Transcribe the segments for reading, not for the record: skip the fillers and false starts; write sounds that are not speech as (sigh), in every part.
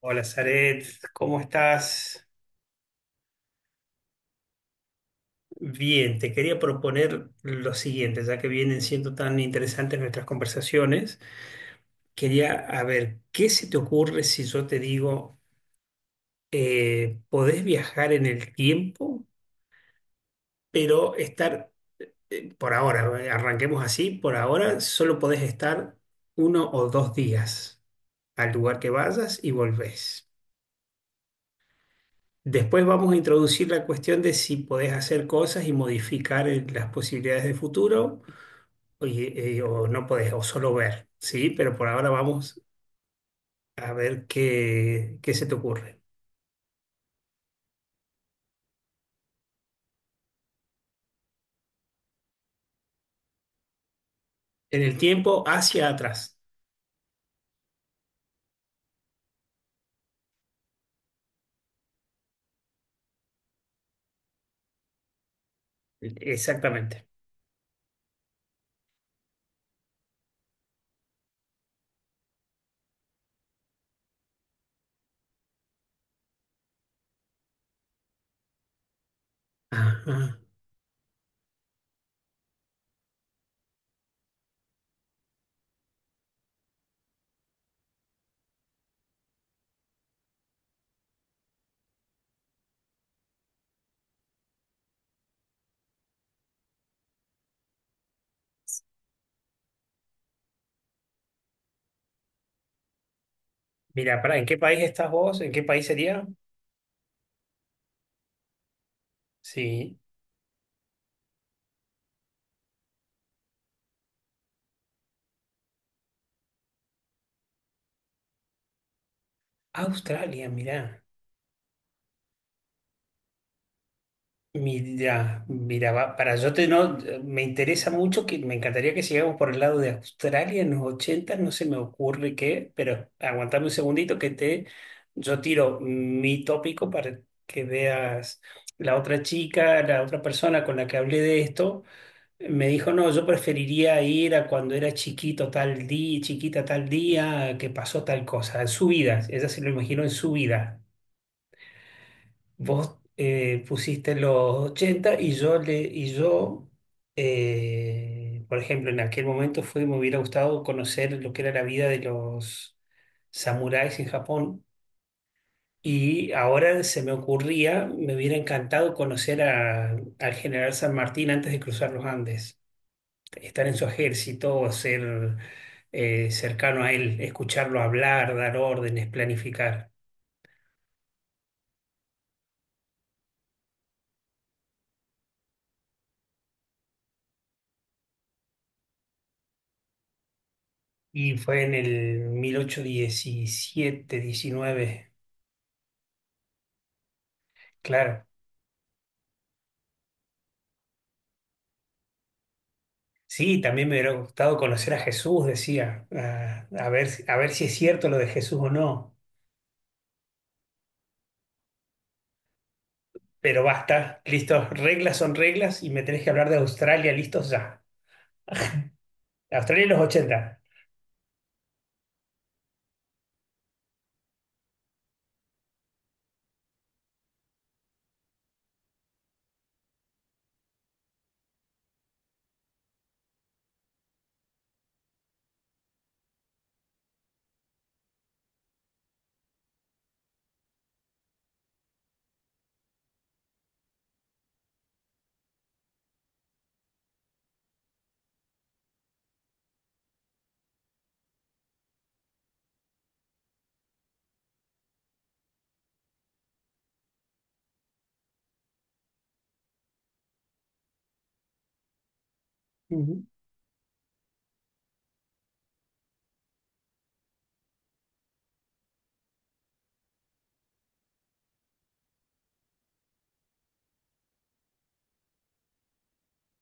Hola, Zaret, ¿cómo estás? Bien, te quería proponer lo siguiente, ya que vienen siendo tan interesantes nuestras conversaciones, quería a ver, ¿qué se te ocurre si yo te digo, podés viajar en el tiempo, pero estar, por ahora, arranquemos así, por ahora solo podés estar uno o dos días al lugar que vayas y volvés? Después vamos a introducir la cuestión de si podés hacer cosas y modificar las posibilidades de futuro o, o no podés, o solo ver, ¿sí? Pero por ahora vamos a ver qué, qué se te ocurre. En el tiempo hacia atrás. Exactamente. Ajá. Mira, pará, ¿en qué país estás vos? ¿En qué país sería? Sí. Australia, mirá. Mira, mira, va- para yo te no, me interesa mucho, que me encantaría que sigamos por el lado de Australia en los 80. No se me ocurre qué, pero aguantame un segundito que te, yo tiro mi tópico para que veas la otra chica, la otra persona con la que hablé de esto, me dijo, "No, yo preferiría ir a cuando era chiquito tal día, chiquita tal día, que pasó tal cosa en su vida." Ella se lo imaginó en su vida. Vos pusiste los 80 y yo por ejemplo en aquel momento fue, me hubiera gustado conocer lo que era la vida de los samuráis en Japón, y ahora se me ocurría, me hubiera encantado conocer al general San Martín antes de cruzar los Andes, estar en su ejército, ser cercano a él, escucharlo hablar, dar órdenes, planificar. Y fue en el 1817, 19, claro. Sí, también me hubiera gustado conocer a Jesús, decía, a ver, a ver si es cierto lo de Jesús o no. Pero basta, listo, reglas son reglas y me tenés que hablar de Australia, listos ya. Australia en los ochenta. Ujú.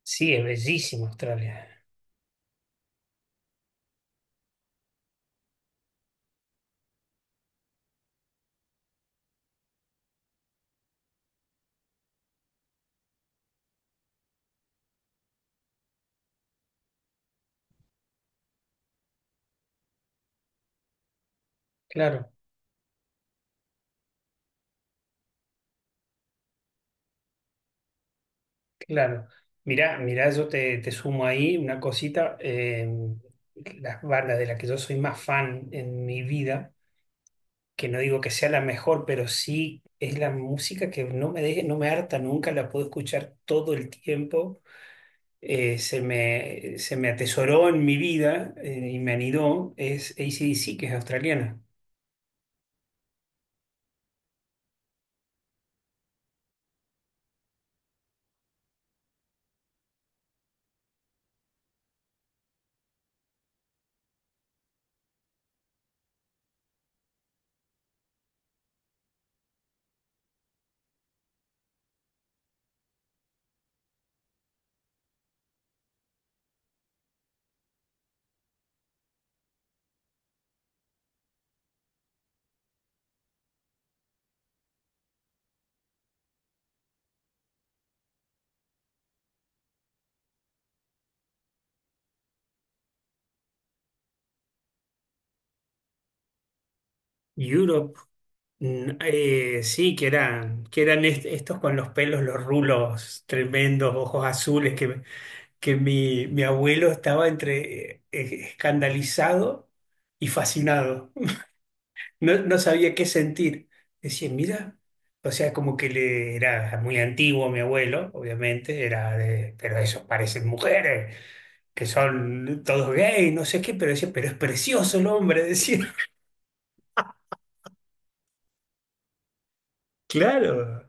Sí, es bellísimo Australia. Claro, claro. Mirá, mirá, te sumo ahí una cosita. Las bandas de las que yo soy más fan en mi vida, que no digo que sea la mejor, pero sí es la música que no me deje, no me harta nunca, la puedo escuchar todo el tiempo. Se me atesoró en mi vida, y me anidó, es AC/DC, que es australiana. Europe, sí, que eran, estos con los pelos, los rulos tremendos, ojos azules, que, mi abuelo estaba entre escandalizado y fascinado. No, no sabía qué sentir. Decía, mira, o sea, como que le era muy antiguo mi abuelo, obviamente, era de, pero esos parecen mujeres, que son todos gays, no sé qué, pero decía, pero es precioso el hombre, decía. (laughs) Claro,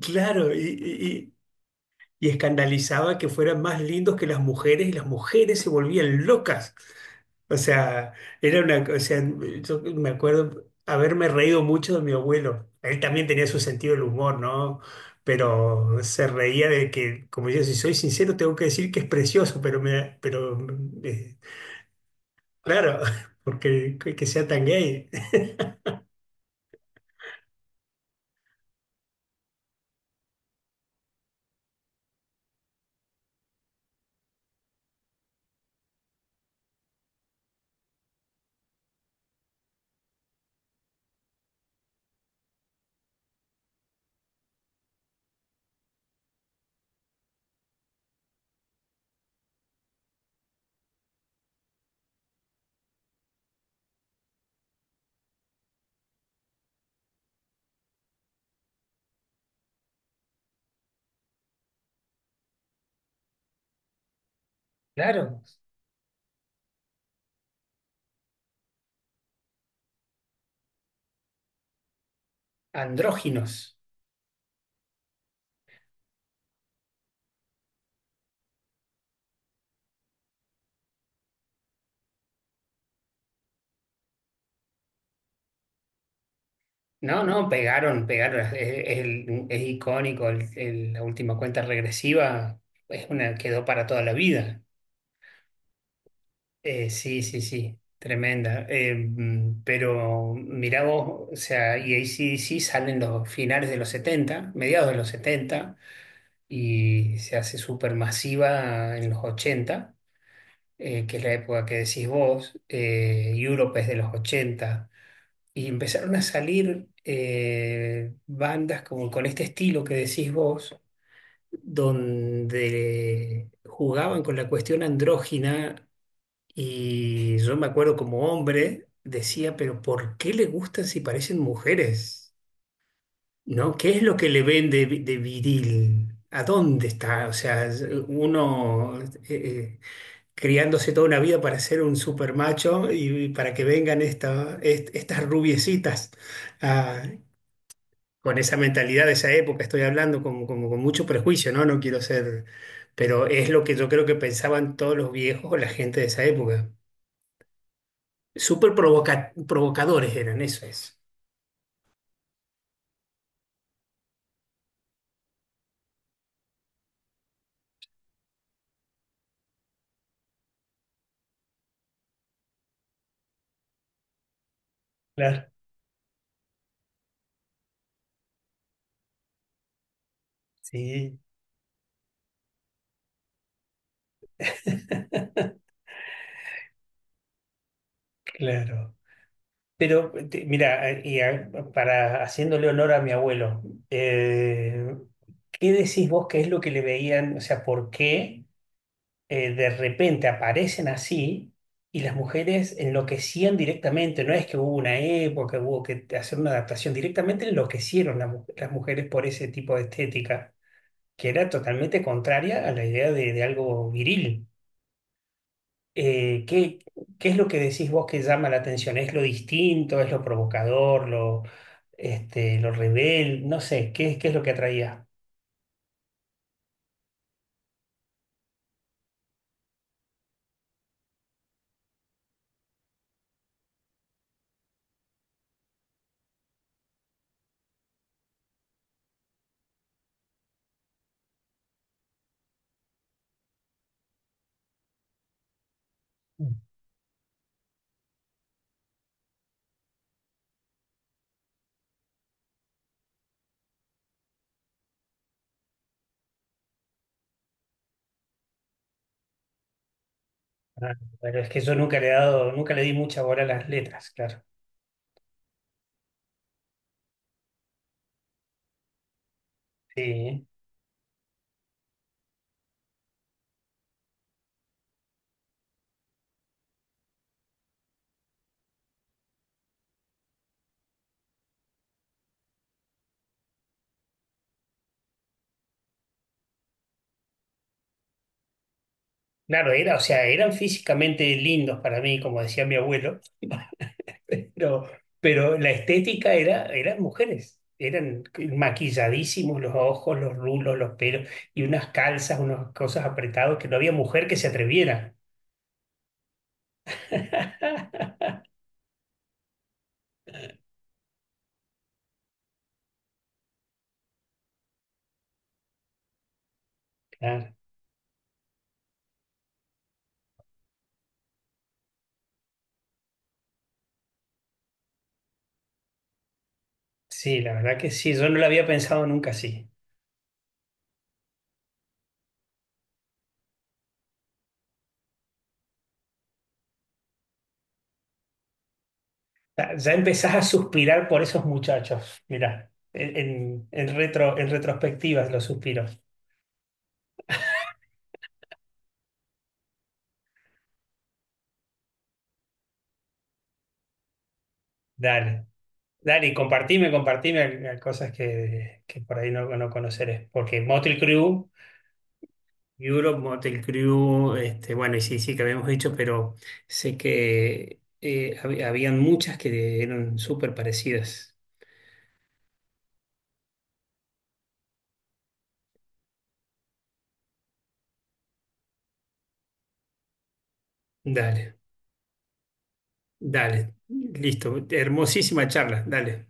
claro, y escandalizaba que fueran más lindos que las mujeres y las mujeres se volvían locas. O sea, era una, o sea, yo me acuerdo haberme reído mucho de mi abuelo. Él también tenía su sentido del humor, ¿no? Pero se reía de que, como yo, si soy sincero, tengo que decir que es precioso, pero eh, claro, (laughs) porque que sea tan gay. Claro, andróginos. No, no, pegaron, pegaron. Es icónico la última cuenta regresiva. Es una, quedó para toda la vida. Sí, sí, sí, tremenda. Pero mirá vos, o sea, y AC/DC salen los finales de los 70, mediados de los 70, y se hace súper masiva en los 80, que es la época que decís vos. Europe es de los 80, y empezaron a salir bandas como con este estilo que decís vos, donde jugaban con la cuestión andrógina, y yo me acuerdo como hombre, decía, pero ¿por qué le gustan si parecen mujeres? ¿No? ¿Qué es lo que le ven de, de viril? ¿A dónde está? O sea, es- uno criándose toda una vida para ser un super macho, y para que vengan estas rubiecitas, ah, con esa mentalidad de esa época, estoy hablando como, como con mucho prejuicio, ¿no? No quiero ser, pero es lo que yo creo que pensaban todos los viejos o la gente de esa época. Provocadores eran, eso es. Claro, sí, claro. Pero mira, para haciéndole honor a mi abuelo, eh, ¿qué decís vos que es lo que le veían? O sea, ¿por qué de repente aparecen así y las mujeres enloquecían directamente? No es que hubo una época, hubo que hacer una adaptación, directamente enloquecieron las, las mujeres por ese tipo de estética, que era totalmente contraria a la idea de algo viril. eh, ¿qué, qué es lo que decís vos que llama la atención? ¿Es lo distinto? ¿Es lo provocador? ¿Lo, este, lo rebel? No sé, ¿qué, qué es lo que atraía? Ah, pero es que yo nunca le he dado, nunca le di mucha bola a las letras, claro. Sí. Claro, era, o sea, eran físicamente lindos para mí, como decía mi abuelo, (laughs) pero, pero la estética era, eran mujeres, eran maquilladísimos los ojos, los rulos, los pelos, y unas calzas, unas cosas apretadas que no había mujer que se atreviera. (laughs) Claro. Sí, la verdad que sí, yo no lo había pensado nunca así. Ya, ya empezás a suspirar por esos muchachos. Mirá, en retro, en retrospectivas los suspiros. Dale, dale, y compartime, compartime a cosas que por ahí no, no conoceré. Porque Motel Crew, Europe, Motel Crew, este, bueno, y sí, sí que habíamos dicho, pero sé que habían muchas que eran súper parecidas. Dale. Dale, listo. Hermosísima charla. Dale,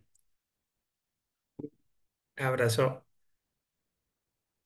abrazo.